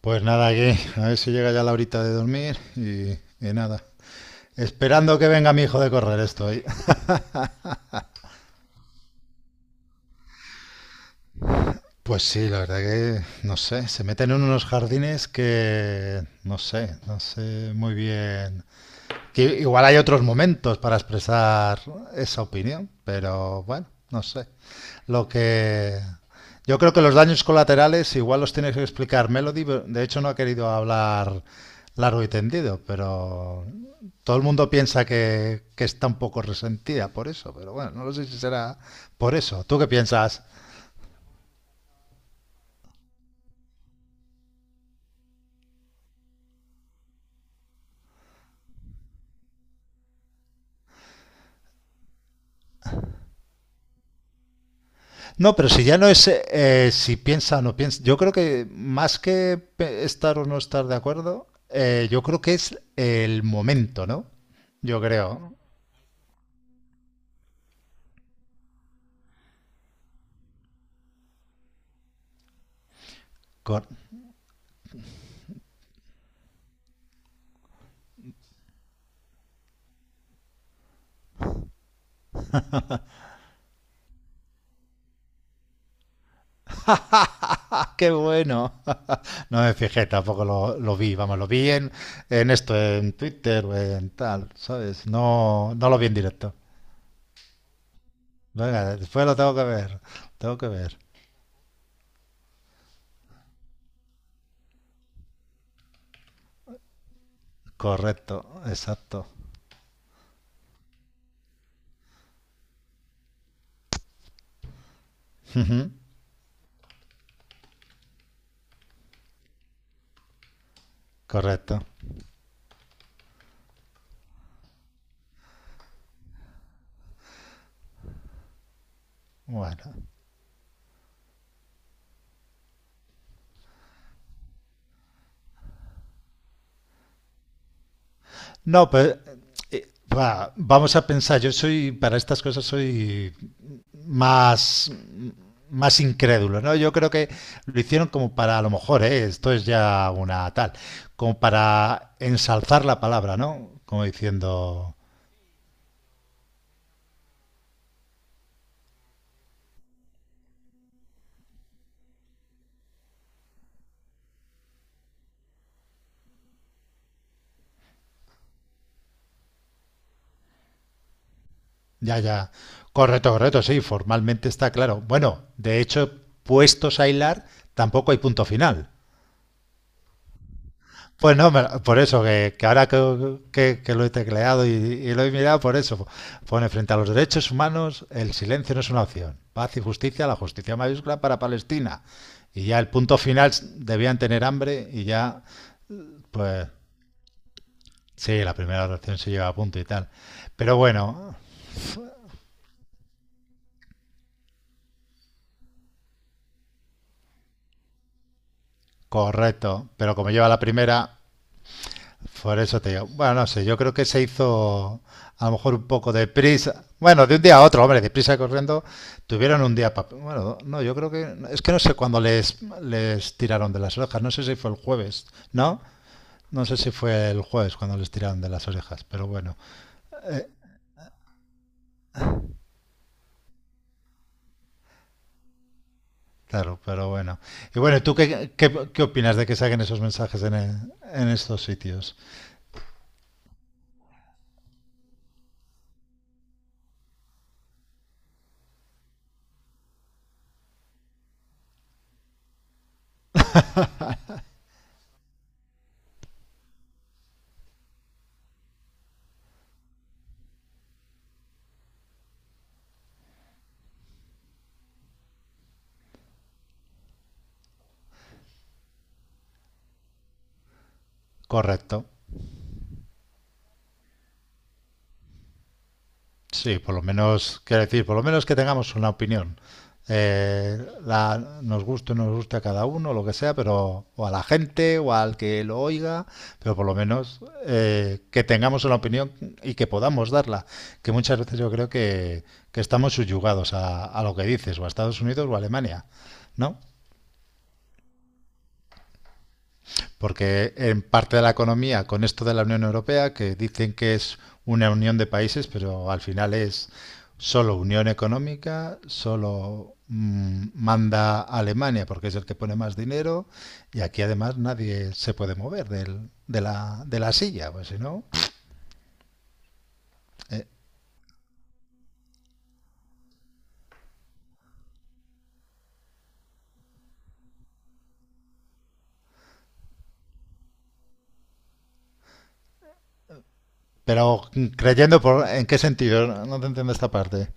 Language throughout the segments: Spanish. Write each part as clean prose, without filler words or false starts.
Pues nada, que a ver si llega ya la horita de dormir y nada. Esperando que venga mi hijo de correr estoy. Pues sí, la verdad que no sé, se meten en unos jardines que no sé, no sé muy bien. Que igual hay otros momentos para expresar esa opinión, pero bueno, no sé. Lo que yo creo que los daños colaterales igual los tiene que explicar Melody, de hecho no ha querido hablar largo y tendido, pero todo el mundo piensa que está un poco resentida por eso, pero bueno, no lo sé si será por eso. ¿Tú qué piensas? No, pero si ya no es si piensa o no piensa, yo creo que más que estar o no estar de acuerdo, yo creo que es el momento, ¿no? Yo creo. Con... ¡Ah, qué bueno! No me fijé, tampoco lo vi, vamos, en esto, en Twitter, en tal, ¿sabes? No, no lo vi en directo. Venga, después lo tengo que ver, tengo que ver. Correcto, exacto, correcto. Bueno. No, pues eh, vamos a pensar, yo soy, para estas cosas soy más, más incrédulo, ¿no? Yo creo que lo hicieron como para, a lo mejor, ¿eh? Esto es ya una tal, como para ensalzar la palabra, ¿no? Como diciendo, ya, ya, correcto, correcto, sí, formalmente está claro. Bueno, de hecho, puestos a hilar, tampoco hay punto final. Pues no, por eso, que ahora que lo he tecleado y lo he mirado, por eso pone frente a los derechos humanos, el silencio no es una opción. Paz y justicia, la justicia mayúscula para Palestina. Y ya el punto final, debían tener hambre y ya, pues sí, la primera oración se lleva a punto y tal. Pero bueno, correcto. Pero como lleva la primera, por eso te digo. Bueno, no sé, yo creo que se hizo a lo mejor un poco de prisa. Bueno, de un día a otro, hombre, de prisa y corriendo, tuvieron un día para... Bueno, no, yo creo que... Es que no sé cuándo les tiraron de las orejas, no sé si fue el jueves, ¿no? No sé si fue el jueves cuando les tiraron de las orejas, pero bueno, eh, claro, pero bueno. Y bueno, ¿tú qué opinas de que saquen esos mensajes en estos sitios? Correcto. Sí, por lo menos, quiero decir, por lo menos que tengamos una opinión. Eh, nos guste o no nos guste a cada uno, lo que sea, pero o a la gente o al que lo oiga, pero por lo menos que tengamos una opinión y que podamos darla. Que muchas veces yo creo que estamos subyugados a lo que dices, o a Estados Unidos o a Alemania, ¿no? Porque en parte de la economía, con esto de la Unión Europea, que dicen que es una unión de países, pero al final es solo unión económica, solo manda Alemania porque es el que pone más dinero y aquí además nadie se puede mover de la silla, pues si no... eh, pero creyendo por, en qué sentido, no te entiendo esta parte.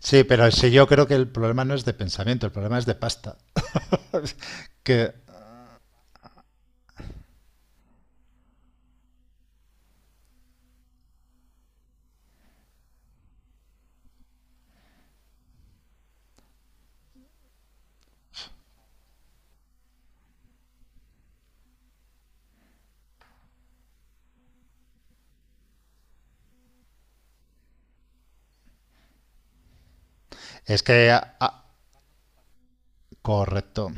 Sí, pero sí yo creo que el problema no es de pensamiento, el problema es de pasta. Que es que correcto.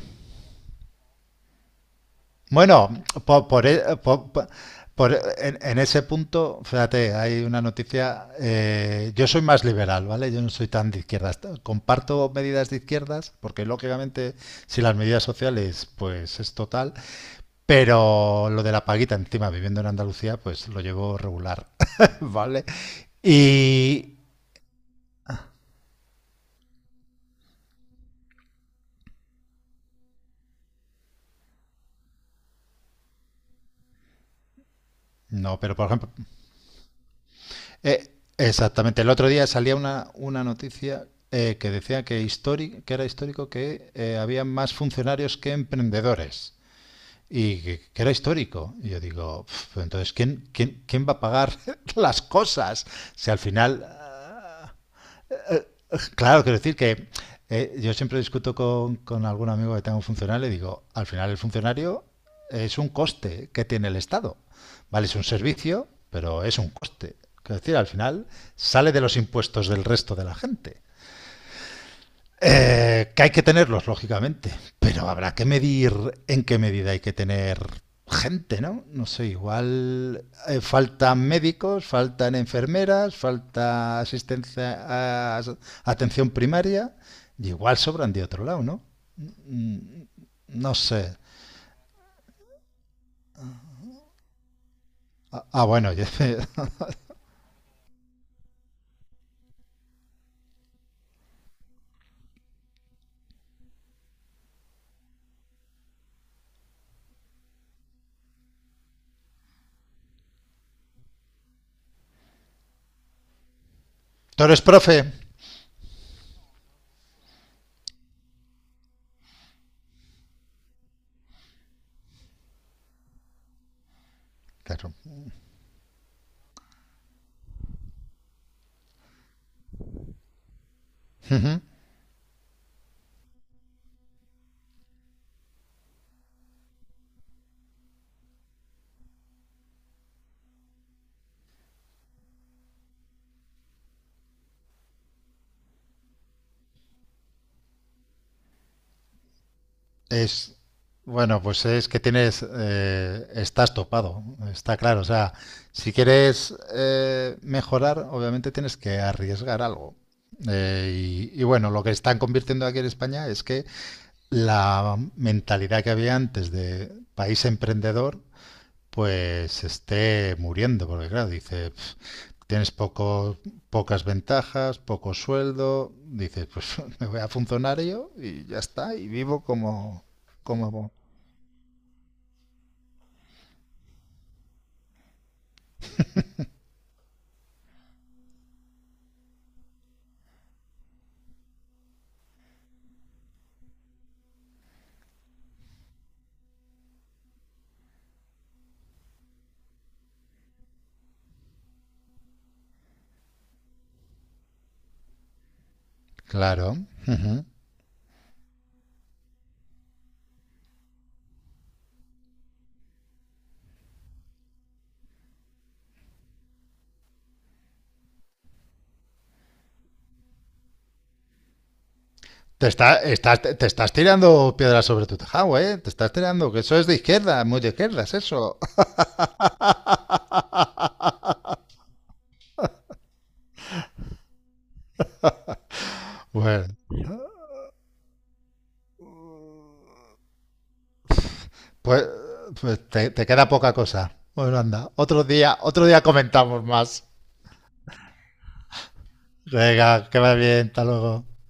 Bueno, por e- por- por e- en ese punto, fíjate, hay una noticia. Yo soy más liberal, ¿vale? Yo no soy tan de izquierdas. Comparto medidas de izquierdas, porque lógicamente, si las medidas sociales, pues es total. Pero lo de la paguita, encima, viviendo en Andalucía, pues lo llevo regular, ¿vale? Y. No, pero por ejemplo. Eh, exactamente. El otro día salía una noticia que decía que era histórico que había más funcionarios que emprendedores. Que era histórico. Y yo digo, "Pf, entonces, quién va a pagar las cosas? Si al final claro, quiero decir que yo siempre discuto con algún amigo que tenga un funcionario y digo, al final el funcionario es un coste que tiene el Estado. Vale, es un servicio, pero es un coste. Quiero decir, al final sale de los impuestos del resto de la gente. Que hay que tenerlos, lógicamente, pero habrá que medir en qué medida hay que tener gente, ¿no? No sé, igual faltan médicos, faltan enfermeras, falta asistencia a- atención primaria, y igual sobran de otro lado, ¿no? Mm, no sé. Bueno, sé. Tú eres profe. Claro. Es, bueno, pues es que tienes, estás topado, está claro. O sea, si quieres mejorar, obviamente tienes que arriesgar algo. Y bueno, lo que están convirtiendo aquí en España es que la mentalidad que había antes de país emprendedor pues esté muriendo, porque claro, dice, "Pf, tienes poco, pocas ventajas, poco sueldo, dices, pues me voy a funcionario y ya está, y vivo como, como... Claro. Ujú. Estás, te estás tirando piedras sobre tu tejado, ¿eh? Te estás tirando, que eso es de izquierda, muy de izquierdas, eso. Bueno, pues, pues te queda poca cosa. Bueno, anda, otro día comentamos más. Venga, que va bien, hasta luego.